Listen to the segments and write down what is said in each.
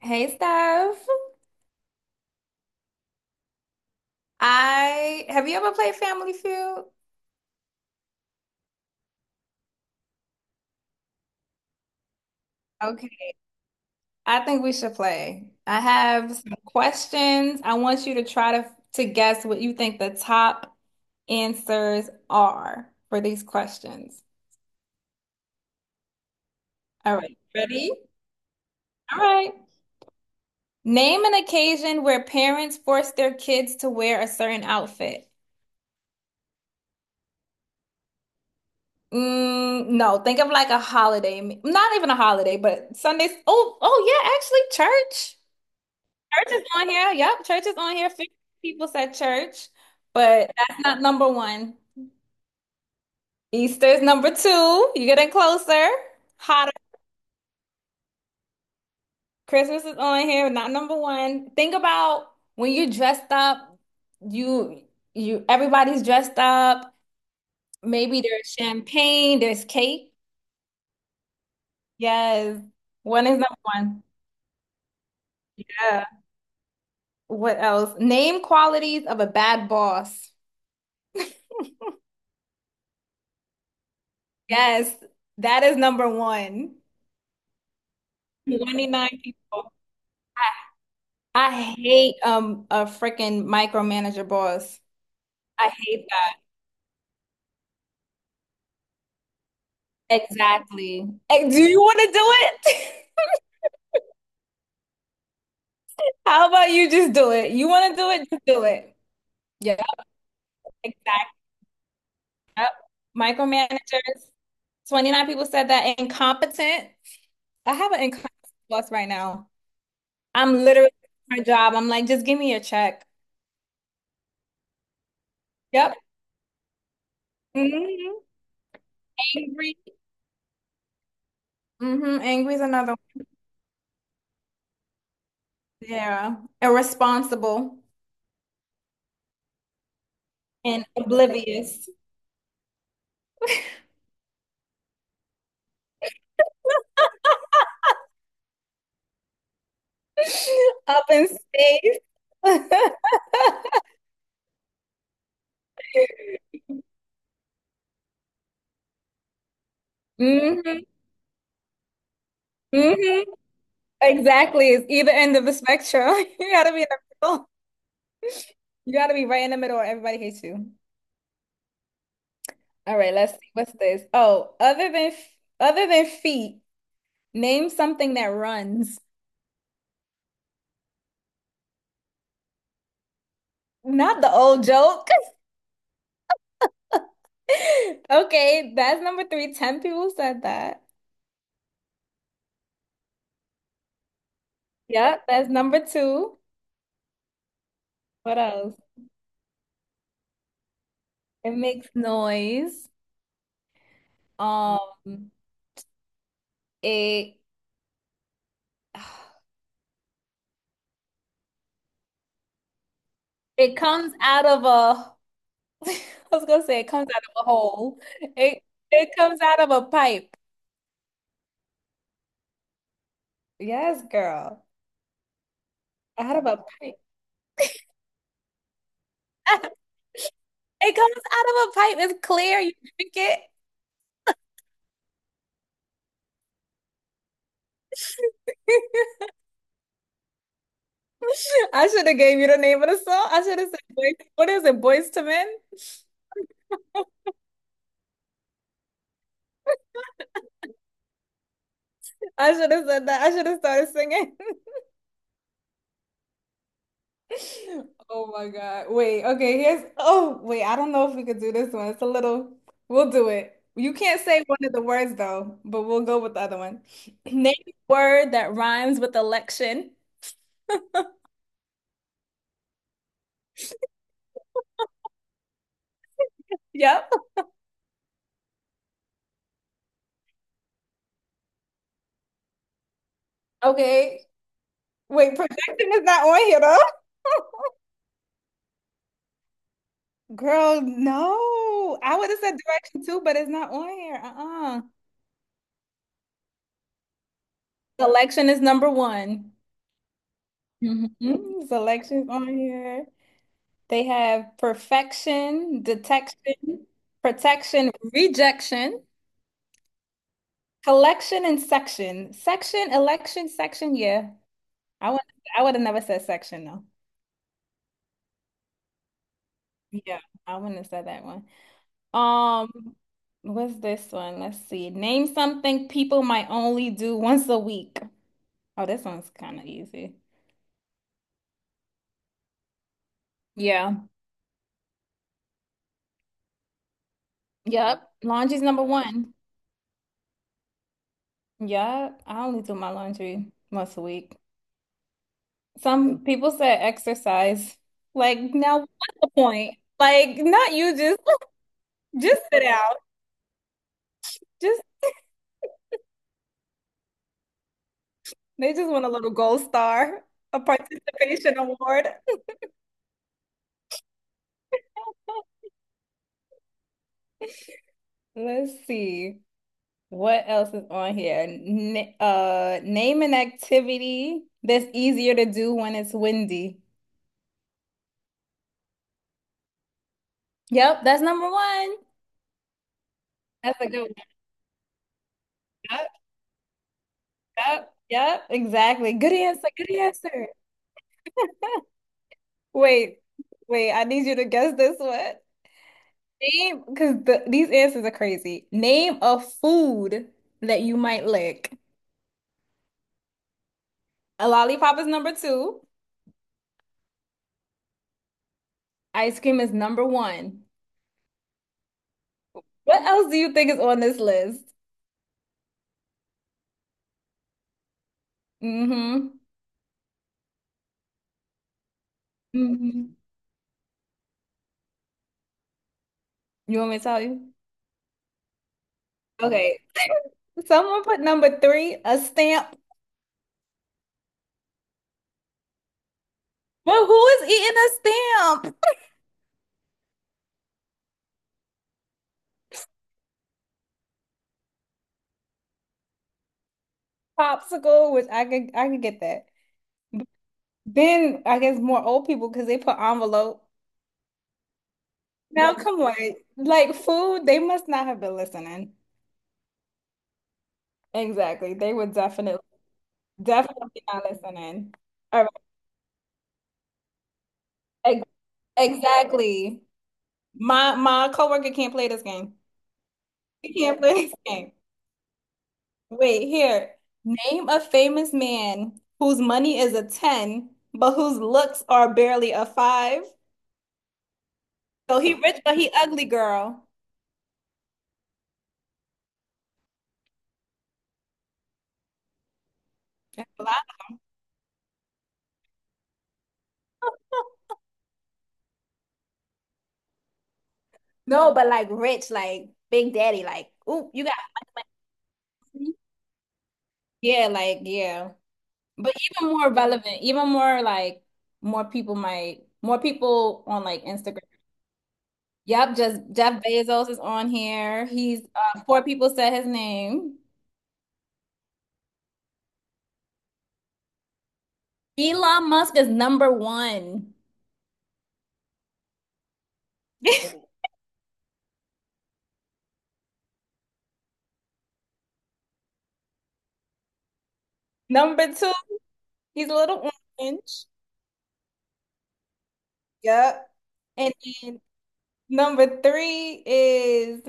Hey Steph, I have you ever played Family Feud? Okay, I think we should play. I have some questions. I want you to try to guess what you think the top answers are for these questions. All right, ready? All right. Name an occasion where parents force their kids to wear a certain outfit. Mm, no, think of like a holiday, not even a holiday, but Sundays. Oh, yeah, actually, church. Church is on here. Yep, church is on here. 50 people said church, but that's not number one. Easter is number two. You're getting closer. Hotter. Christmas is on here, not number one. Think about when you're dressed up, you you everybody's dressed up. Maybe there's champagne, there's cake. Yes. One is number one. Yeah. What else? Name qualities of a bad boss. Yes, that is number one. 29 people. I hate a freaking micromanager boss. I hate that. Exactly. Hey, do you want to do it? How about you just do it? You want to do it, just do it. Yeah, exactly. Yep. Micromanagers. 29 people said that incompetent. I have an incompetent boss right now. I'm literally doing my job. I'm like, just give me a check. Yep. hmm Angry. Angry is another one. Yeah. Irresponsible and oblivious. Up in space. hmm hmm Exactly. It's either end of the spectrum. You gotta be in the middle. You gotta be right in the middle or everybody hates you. All right, let's see. What's this? Oh, other than feet, name something that runs. Not the old joke. Okay, that's number three. 10 people said that. Yep, that's number two. What else? It makes noise. Um, it It comes out of a, I was gonna say it comes out of a hole. It comes out of a pipe. Yes, girl. Out of a pipe. It comes out of a pipe. It's clear. You drink it. I should have gave you the name of the song. I should have said, boys, what is it, Boys to Men? I should have said that. I should have started singing. Oh my God. Wait, okay, here's oh, wait, I don't know if we could do this one. It's a little, we'll do it. You can't say one of the words though, but we'll go with the other one. Name a word that rhymes with election. Yep. Okay. Wait, projection is not on here though. Girl, no. I would have said direction too, but it's not on here. Uh-uh. Selection is number one. hmm Selections on here. They have perfection, detection, protection, rejection, collection, and section. Section, election, section. Yeah, I would I would have never said section though. Yeah, I wouldn't have said that one. Um, what's this one? Let's see. Name something people might only do once a week. Oh, this one's kind of easy. Yeah. Yep. Laundry's number one. Yep. I only do my laundry once a week. Some people said exercise. Like, now what's the point? Like, not you just just sit out. Just They just want a little gold star, a participation award. Let's see. What else is on here? N name an activity that's easier to do when it's windy. Yep, that's number one. That's a good one. Yep, yep, yep, exactly. Good answer. Good answer. Wait, wait, I need you to guess this one. Name, because these answers are crazy. Name a food that you might lick. A lollipop is number two. Ice cream is number one. What else do you think is on this list? Mm-hmm. hmm You want me to tell you? Okay. Someone put number three, a stamp. But who is eating a stamp? Popsicle, which I could get that. Then I guess more old people because they put envelope. Now come on. Like food, they must not have been listening. Exactly. They would definitely, definitely not listening. All right. Ex- Exactly. My coworker can't play this game. He can't play this game. Wait, here. Name a famous man whose money is a 10, but whose looks are barely a five. So he rich, but he ugly, girl. No, but like rich, like Big Daddy, like, ooh, you got, yeah, like, yeah. But even more relevant, even more like more people on like Instagram. Yep, just Jeff Bezos is on here. He's four people said his name. Elon Musk is number one. Number two, he's a little orange. Yep. And then number three is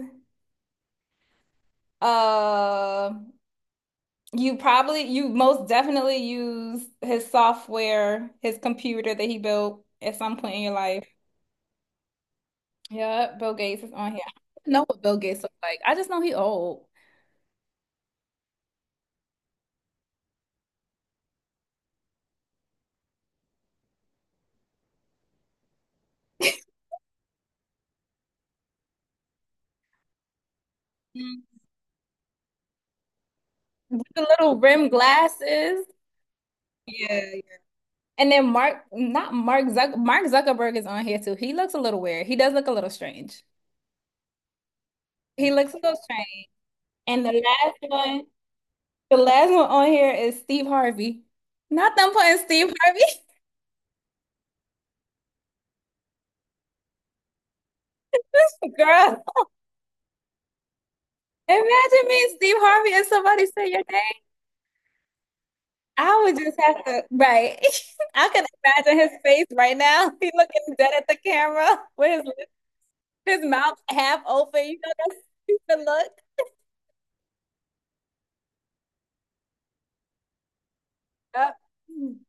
uh you most definitely use his software, his computer that he built at some point in your life. Yeah, Bill Gates is on here. I don't know what Bill Gates looks like. I just know he old. Mm. With the little rim glasses. Yeah, yeah. And then Mark, not Mark Zuck, Mark Zuckerberg is on here too. He looks a little weird. He does look a little strange. He looks a little strange. And the last one, on here is Steve Harvey. Not them putting Steve Harvey. Girl, imagine me, Steve Harvey, and somebody say your name. I would just have to, right. I can imagine his face right now. He looking dead at the camera with his mouth half open. You know that stupid look. Yep.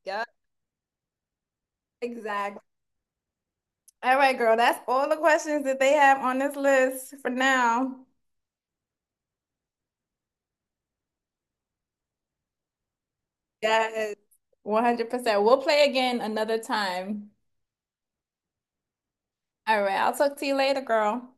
Yep. Exactly. All right, girl. That's all the questions that they have on this list for now. Yes. 100%. We'll play again another time. All right. I'll talk to you later, girl.